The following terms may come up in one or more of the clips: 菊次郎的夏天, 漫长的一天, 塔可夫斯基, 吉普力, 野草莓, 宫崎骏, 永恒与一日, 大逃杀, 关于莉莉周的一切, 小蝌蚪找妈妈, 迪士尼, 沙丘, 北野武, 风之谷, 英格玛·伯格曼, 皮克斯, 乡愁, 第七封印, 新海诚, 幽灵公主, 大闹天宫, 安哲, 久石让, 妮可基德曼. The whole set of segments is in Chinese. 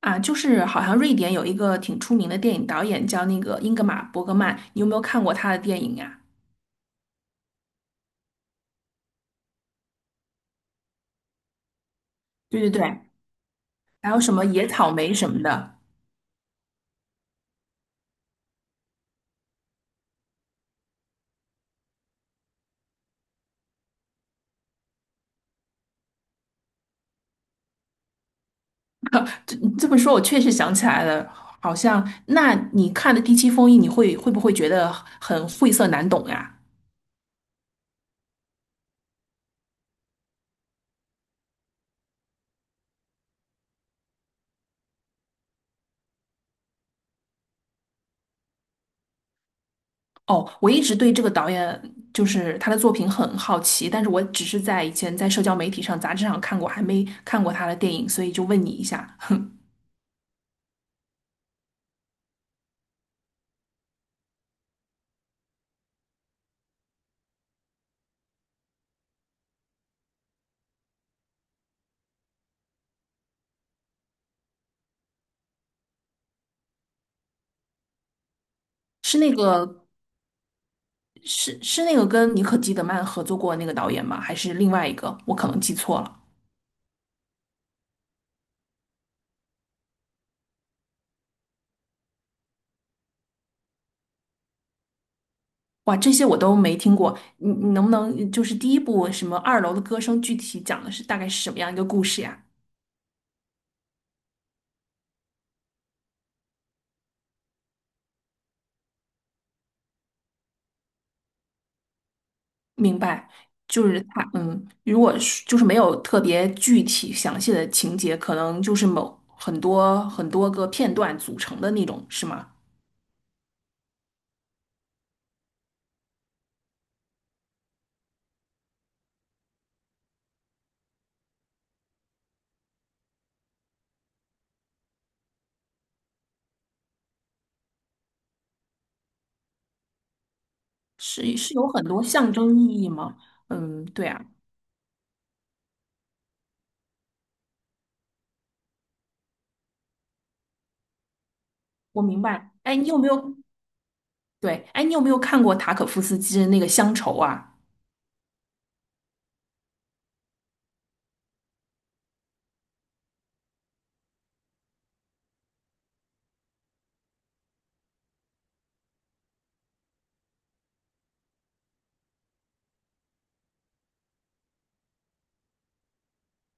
啊，就是好像瑞典有一个挺出名的电影导演叫那个英格玛·伯格曼，你有没有看过他的电影呀？对对对。还有什么《野草莓》什么的。这么说，我确实想起来了，好像那你看的《第七封印》，你会不会觉得很晦涩难懂呀？哦，我一直对这个导演就是他的作品很好奇，但是我只是在以前在社交媒体上、杂志上看过，还没看过他的电影，所以就问你一下。是那个是那个跟妮可基德曼合作过那个导演吗？还是另外一个？我可能记错了。哇，这些我都没听过。你能不能就是第一部什么二楼的歌声，具体讲的是大概是什么样一个故事呀？明白。就是他如果是就是没有特别具体详细的情节，可能就是某很多很多个片段组成的那种，是吗？是有很多象征意义吗？嗯，对啊，我明白。哎，你有没有？对，哎，你有没有看过塔可夫斯基的那个《乡愁》啊？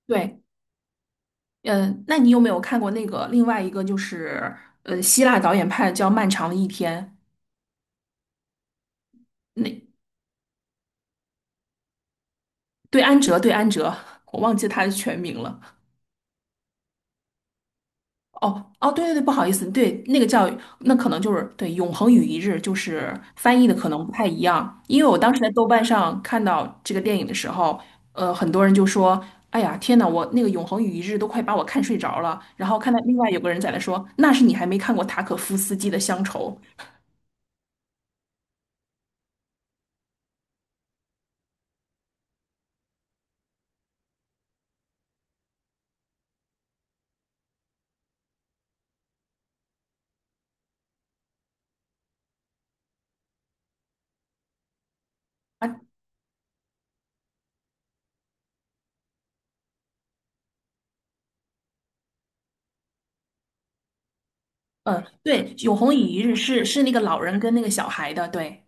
对。嗯，那你有没有看过那个另外一个就是希腊导演派的叫《漫长的一天》？那对安哲，对安哲，我忘记他的全名了。哦哦，对对对，不好意思，对，那个叫那可能就是对"永恒与一日"，就是翻译的可能不太一样。因为我当时在豆瓣上看到这个电影的时候，很多人就说："哎呀，天呐，我那个'永恒与一日'都快把我看睡着了。"然后看到另外有个人在那说："那是你还没看过塔可夫斯基的《乡愁》啊？"嗯，对，"永恒与一日是"是那个老人跟那个小孩的，对。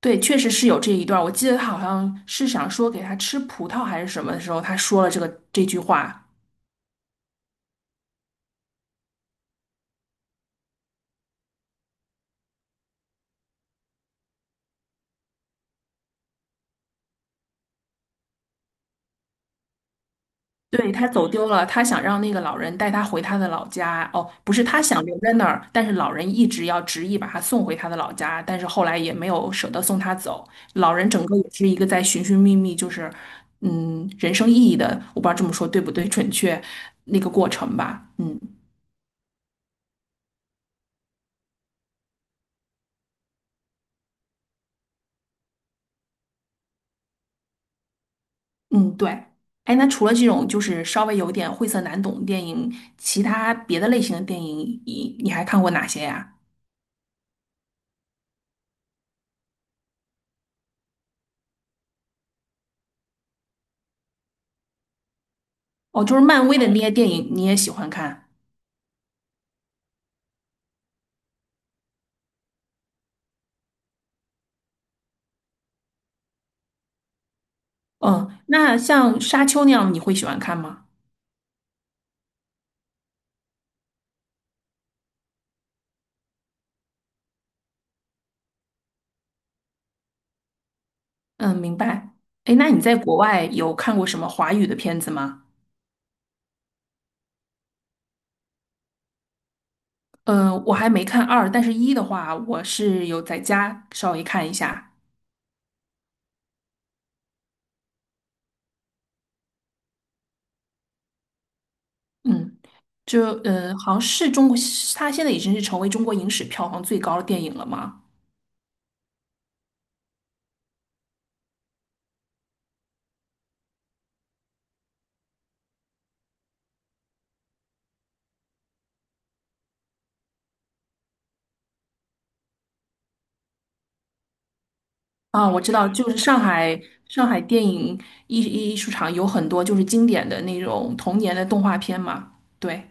对，确实是有这一段儿我记得他好像是想说给他吃葡萄还是什么的时候，他说了这句话。对，他走丢了，他想让那个老人带他回他的老家。哦，不是，他想留在那儿，但是老人一直要执意把他送回他的老家，但是后来也没有舍得送他走。老人整个也是一个在寻寻觅觅，就是嗯，人生意义的，我不知道这么说对不对，准确那个过程吧。嗯嗯，对。哎，那除了这种就是稍微有点晦涩难懂的电影，其他别的类型的电影，你还看过哪些呀？哦，就是漫威的那些电影，你也喜欢看。嗯，那像《沙丘》那样，你会喜欢看吗？嗯，明白。哎，那你在国外有看过什么华语的片子吗？嗯，我还没看二，但是一的话，我是有在家稍微看一下。嗯，就好像是中国，它现在已经是成为中国影史票房最高的电影了嘛？啊，我知道，就是上海电影艺术场有很多就是经典的那种童年的动画片嘛。对，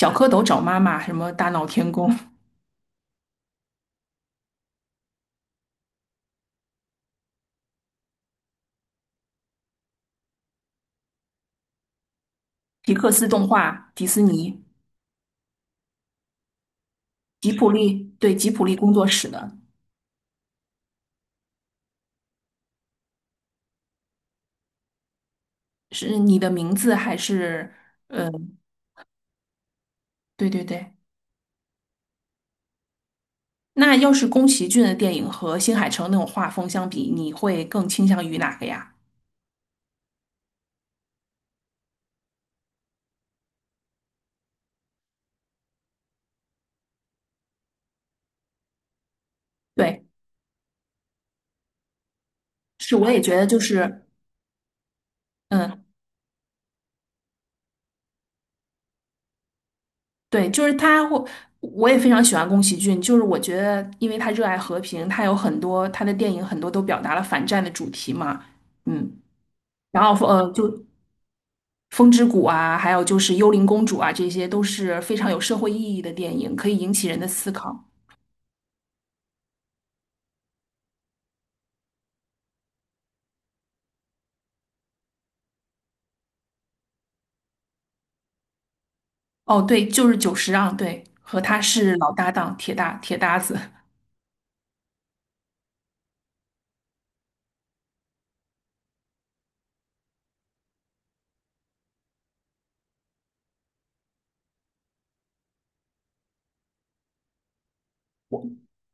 《小蝌蚪找妈妈》什么《大闹天宫》皮克斯动画、迪士尼、吉普力，对，吉普力工作室的，是你的名字还是？呃，对对对。那要是宫崎骏的电影和新海诚那种画风相比，你会更倾向于哪个呀？对，是，我也觉得就是，嗯，对，就是他会，我也非常喜欢宫崎骏，就是我觉得，因为他热爱和平，他有很多他的电影很多都表达了反战的主题嘛。嗯，然后就风之谷啊，还有就是《幽灵公主》啊，这些都是非常有社会意义的电影，可以引起人的思考。哦，对，就是久石让，对，和他是老搭档，铁搭子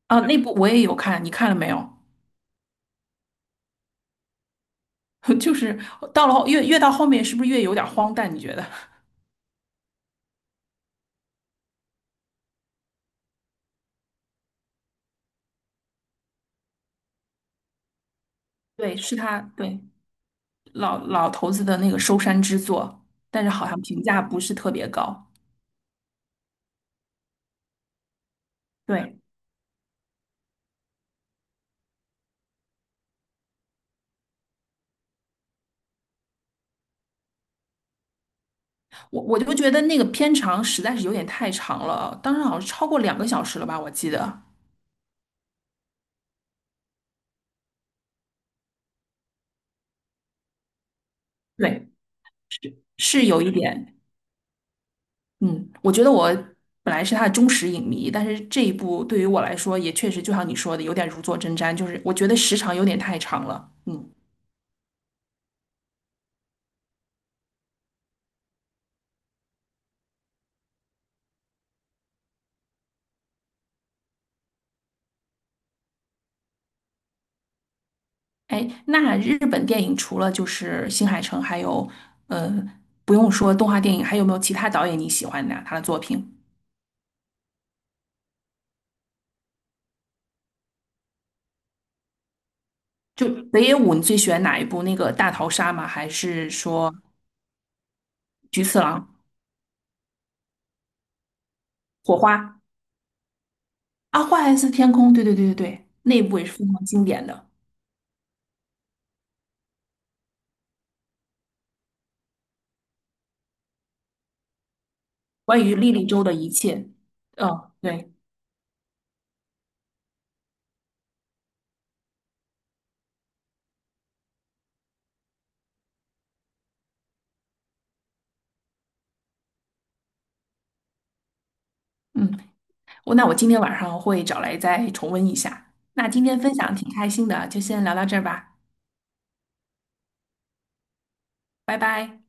啊。那部我也有看，你看了没有？就是到了后越到后面，是不是越有点荒诞？你觉得？对，是他，对，老头子的那个收山之作，但是好像评价不是特别高。对，我就觉得那个片长实在是有点太长了，当时好像超过两个小时了吧，我记得。对，是有一点，嗯，我觉得我本来是他的忠实影迷，但是这一部对于我来说也确实就像你说的，有点如坐针毡，就是我觉得时长有点太长了。嗯，哎，那日本电影除了就是新海诚，还有呃，不用说动画电影，还有没有其他导演你喜欢的啊他的作品？就北野武，你最喜欢哪一部？那个大逃杀吗？还是说菊次郎、火花啊？花还是天空？对对对对对，那一部也是非常经典的。关于莉莉周的一切。哦，对，嗯，那我今天晚上会找来再重温一下。那今天分享挺开心的，就先聊到这儿吧，拜拜。